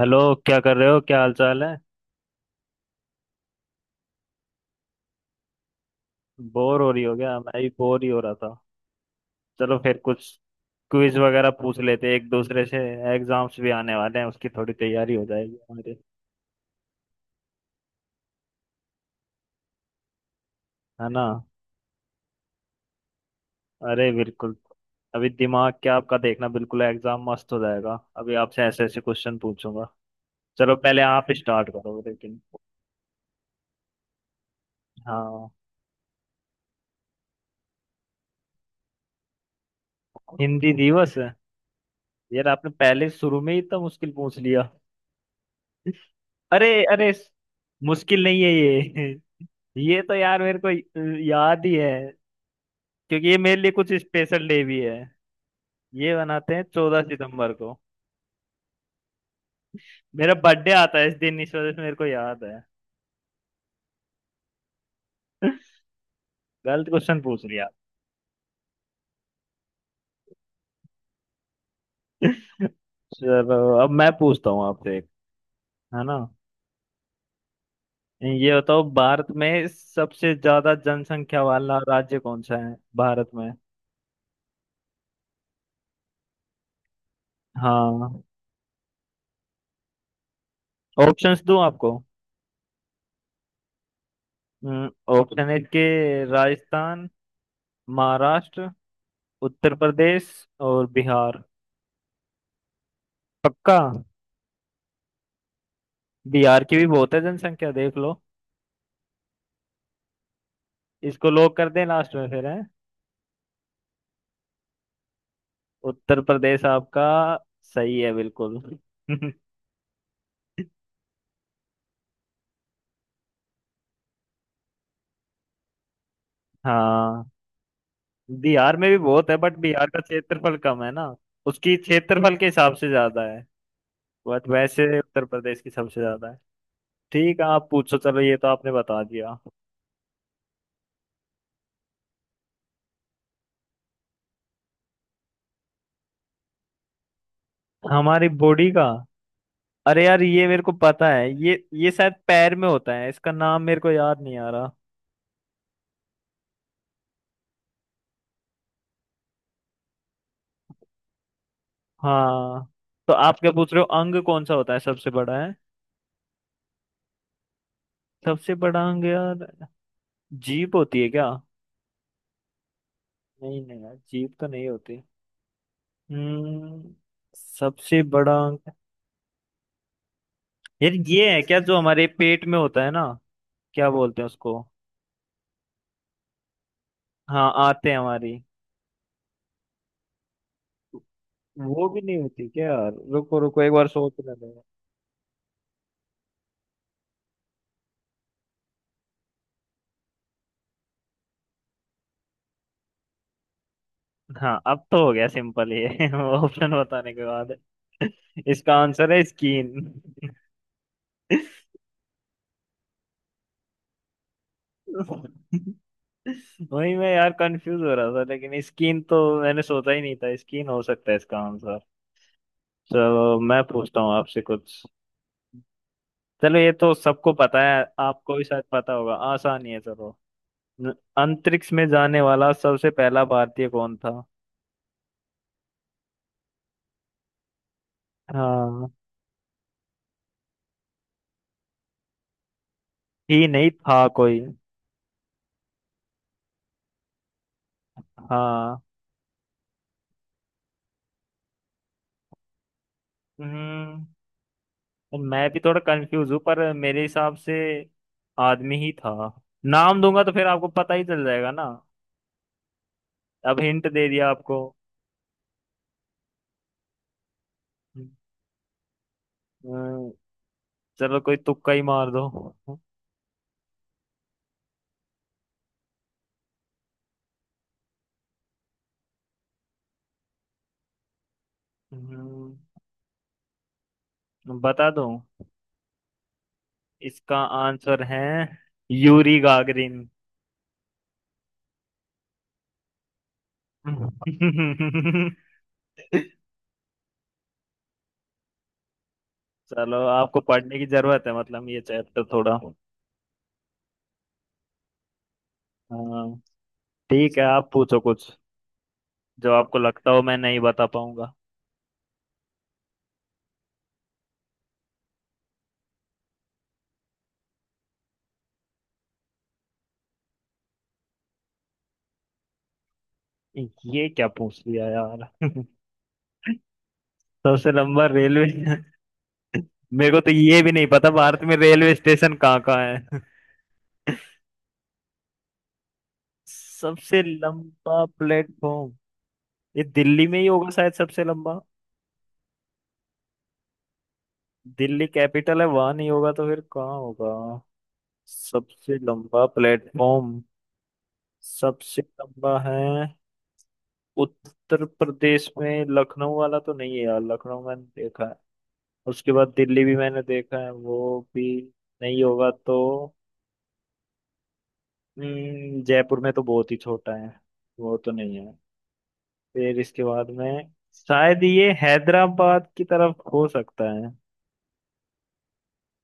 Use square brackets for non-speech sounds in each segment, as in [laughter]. Hello. क्या कर रहे हो, क्या हाल चाल है? बोर हो रही हो क्या? मैं भी बोर ही हो रहा था। चलो फिर कुछ क्विज वगैरह पूछ लेते हैं एक दूसरे से। एग्जाम्स भी आने वाले हैं, उसकी थोड़ी तैयारी हो जाएगी हमारी। है ना? अरे बिल्कुल। अभी दिमाग क्या आपका, देखना बिल्कुल एग्जाम मस्त हो जाएगा। अभी आपसे ऐसे ऐसे क्वेश्चन पूछूंगा। चलो पहले आप स्टार्ट करो लेकिन। हाँ। हिंदी दिवस है? यार आपने पहले शुरू में ही इतना मुश्किल पूछ लिया। अरे अरे मुश्किल नहीं है ये। [laughs] ये तो यार मेरे को याद ही है। क्योंकि ये मेरे लिए कुछ स्पेशल डे भी है। ये बनाते हैं 14 सितंबर को। मेरा बर्थडे आता है इस दिन, इस वजह से मेरे को याद है। [laughs] गलत क्वेश्चन पूछ लिया। [laughs] चलो अब मैं पूछता हूँ आपसे एक, है ना? ये बताओ, भारत में सबसे ज्यादा जनसंख्या वाला राज्य कौन सा है, भारत में? हाँ। ऑप्शंस दूं आपको? ऑप्शन A के: राजस्थान, महाराष्ट्र, उत्तर प्रदेश और बिहार। पक्का? बिहार की भी बहुत है जनसंख्या, देख लो। इसको लोग कर दें लास्ट में फिर है। उत्तर प्रदेश आपका। सही है बिल्कुल। [laughs] हाँ। बिहार में भी बहुत है, बट बिहार का क्षेत्रफल कम है ना। उसकी क्षेत्रफल के हिसाब से ज्यादा है। बट वैसे उत्तर प्रदेश की सबसे ज्यादा है। ठीक है, आप पूछो। चलो ये तो आपने बता दिया। हमारी बॉडी का। अरे यार ये मेरे को पता है, ये शायद पैर में होता है, इसका नाम मेरे को याद नहीं आ रहा। हाँ। तो आप क्या पूछ रहे हो, अंग कौन सा होता है सबसे बड़ा है? सबसे बड़ा अंग यार। जीभ होती है क्या? नहीं नहीं यार, जीभ तो नहीं होती। हम्म। सबसे बड़ा अंग। यार ये है क्या जो हमारे पेट में होता है ना? क्या बोलते हैं उसको? हाँ आते हैं हमारी। वो भी नहीं होती क्या यार? रुको रुको, एक बार सोचने दो। हाँ अब तो हो गया सिंपल ये। [laughs] ऑप्शन बताने के बाद। इसका आंसर है स्कीन। [laughs] वही मैं यार कंफ्यूज हो रहा था, लेकिन स्कीन तो मैंने सोचा ही नहीं था स्कीन हो सकता है इसका आंसर। चलो मैं पूछता हूँ आपसे कुछ। चलो ये तो सबको पता है, आपको भी शायद पता होगा, आसान ही है चलो। न- अंतरिक्ष में जाने वाला सबसे पहला भारतीय कौन था? हाँ। ही नहीं था कोई। हाँ। हम्म मैं भी थोड़ा कंफ्यूज हूँ, पर मेरे हिसाब से आदमी ही था। नाम दूंगा तो फिर आपको पता ही चल जाएगा ना। अब हिंट दे दिया आपको। अम्म, चलो कोई तुक्का ही मार दो। अम्म, बता दूं, इसका आंसर है यूरी गागरिन। [laughs] चलो आपको पढ़ने की जरूरत है मतलब, ये चैप्टर थोड़ा। हाँ, ठीक है। आप पूछो कुछ जो आपको लगता हो मैं नहीं बता पाऊंगा। ये क्या पूछ लिया यार। [laughs] सबसे लंबा रेलवे। [laughs] मेरे को तो ये भी नहीं पता भारत में रेलवे स्टेशन कहाँ कहाँ है। [laughs] सबसे लंबा प्लेटफॉर्म ये दिल्ली में ही होगा शायद, सबसे लंबा। दिल्ली कैपिटल है, वहां नहीं होगा तो फिर कहाँ होगा? सबसे लंबा प्लेटफॉर्म, सबसे लंबा है। उत्तर प्रदेश में लखनऊ वाला तो नहीं है यार, लखनऊ मैंने देखा है। उसके बाद दिल्ली भी मैंने देखा है, वो भी नहीं होगा तो। जयपुर में तो बहुत ही छोटा है, वो तो नहीं है। फिर इसके बाद में शायद ये हैदराबाद की तरफ हो सकता है।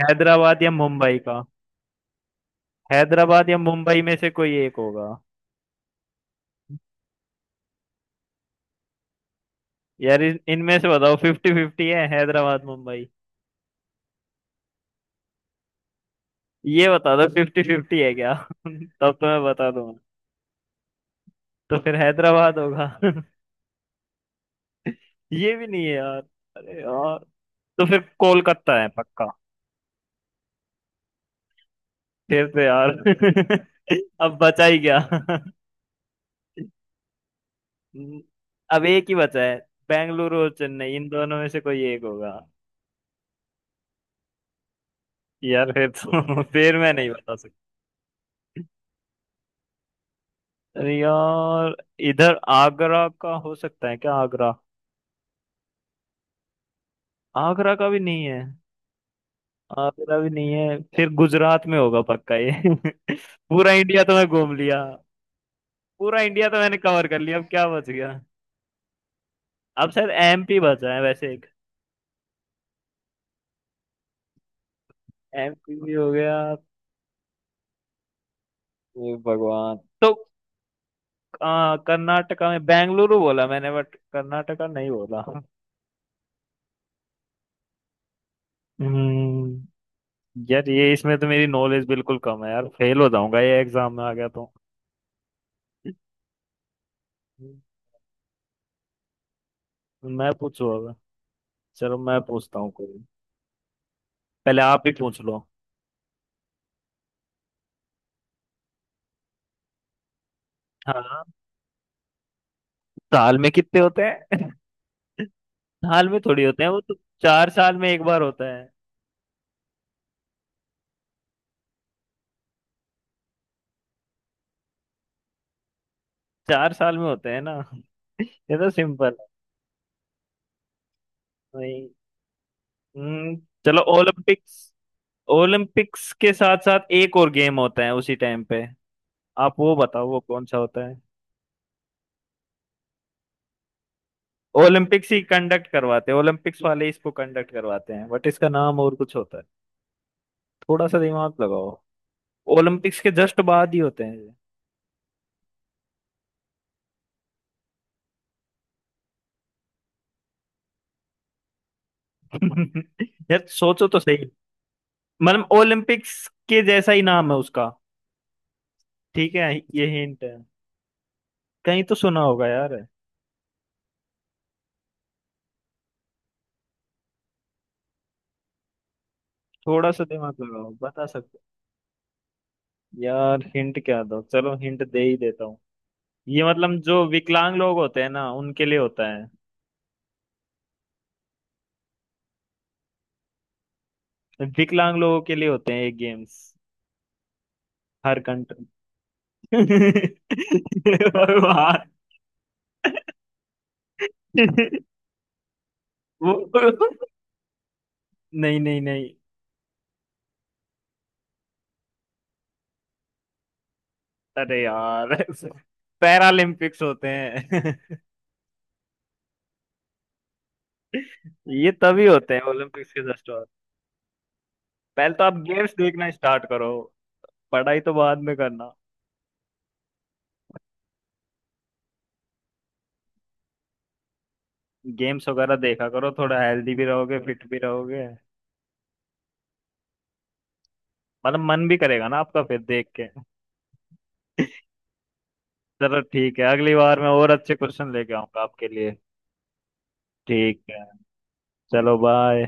हैदराबाद या मुंबई का। हैदराबाद या मुंबई में से कोई एक होगा। यार इनमें से बताओ, फिफ्टी फिफ्टी है, हैदराबाद मुंबई। ये बता दो, फिफ्टी फिफ्टी है क्या? [laughs] तब तो मैं बता दूंगा। तो फिर हैदराबाद होगा। [laughs] ये भी नहीं है यार। अरे यार। तो फिर कोलकाता है पक्का। फिर तो यार। [laughs] अब बचा ही क्या? [laughs] हम्म, अब एक ही बचा है, बेंगलुरु और चेन्नई, इन दोनों में से कोई एक होगा। यार फिर तो। [laughs] फिर मैं नहीं बता सकता। अरे यार इधर आगरा का हो सकता है क्या? आगरा? आगरा का भी नहीं है। आगरा भी नहीं है फिर। गुजरात में होगा पक्का ये। [laughs] पूरा इंडिया तो मैं घूम लिया। पूरा इंडिया तो मैंने कवर कर लिया, अब क्या बच गया? अब शायद एमपी बचा है वैसे एक। एमपी भी हो गया। हे भगवान। तो कर्नाटका में बेंगलुरु बोला मैंने, बट कर्नाटका नहीं बोला। हम्म यार ये इसमें तो मेरी नॉलेज बिल्कुल कम है, यार फेल हो जाऊंगा ये एग्जाम में आ गया तो। मैं पूछू अब। चलो मैं पूछता हूँ कोई। पहले आप ही पूछ लो। हाँ। साल में कितने होते हैं? [laughs] साल में थोड़ी होते हैं वो तो, 4 साल में एक बार होता है। 4 साल में होते हैं ना। [laughs] ये तो सिंपल। वही। हम्म, चलो ओलंपिक्स। ओलंपिक्स के साथ साथ एक और गेम होता है उसी टाइम पे, आप वो बताओ, वो कौन सा होता है? ओलंपिक्स ही कंडक्ट करवाते हैं, ओलंपिक्स वाले इसको कंडक्ट करवाते हैं, बट इसका नाम और कुछ होता है। थोड़ा सा दिमाग लगाओ, ओलंपिक्स के जस्ट बाद ही होते हैं। ये। [laughs] यार सोचो तो सही। मतलब ओलंपिक्स के जैसा ही नाम है उसका, ठीक है ये हिंट है। कहीं तो सुना होगा यार। थोड़ा सा दिमाग लगाओ बता सकते हो। यार हिंट क्या दो, चलो हिंट दे ही देता हूँ। ये मतलब जो विकलांग लोग होते हैं ना उनके लिए होता है। विकलांग लोगों के लिए होते हैं ये गेम्स, हर कंट्री। भगवान। वो। नहीं नहीं नहीं। अरे यार, पैरालंपिक्स होते हैं। [laughs] ये तभी होते हैं ओलंपिक्स के जस्ट बाद। पहले तो आप गेम्स देखना स्टार्ट करो, पढ़ाई तो बाद में करना। गेम्स वगैरह देखा करो, थोड़ा हेल्दी भी रहोगे, फिट भी रहोगे। मतलब मन भी करेगा ना आपका फिर देख के। [laughs] चलो ठीक है, अगली बार मैं और अच्छे क्वेश्चन लेके आऊंगा आपके लिए। ठीक है। चलो बाय।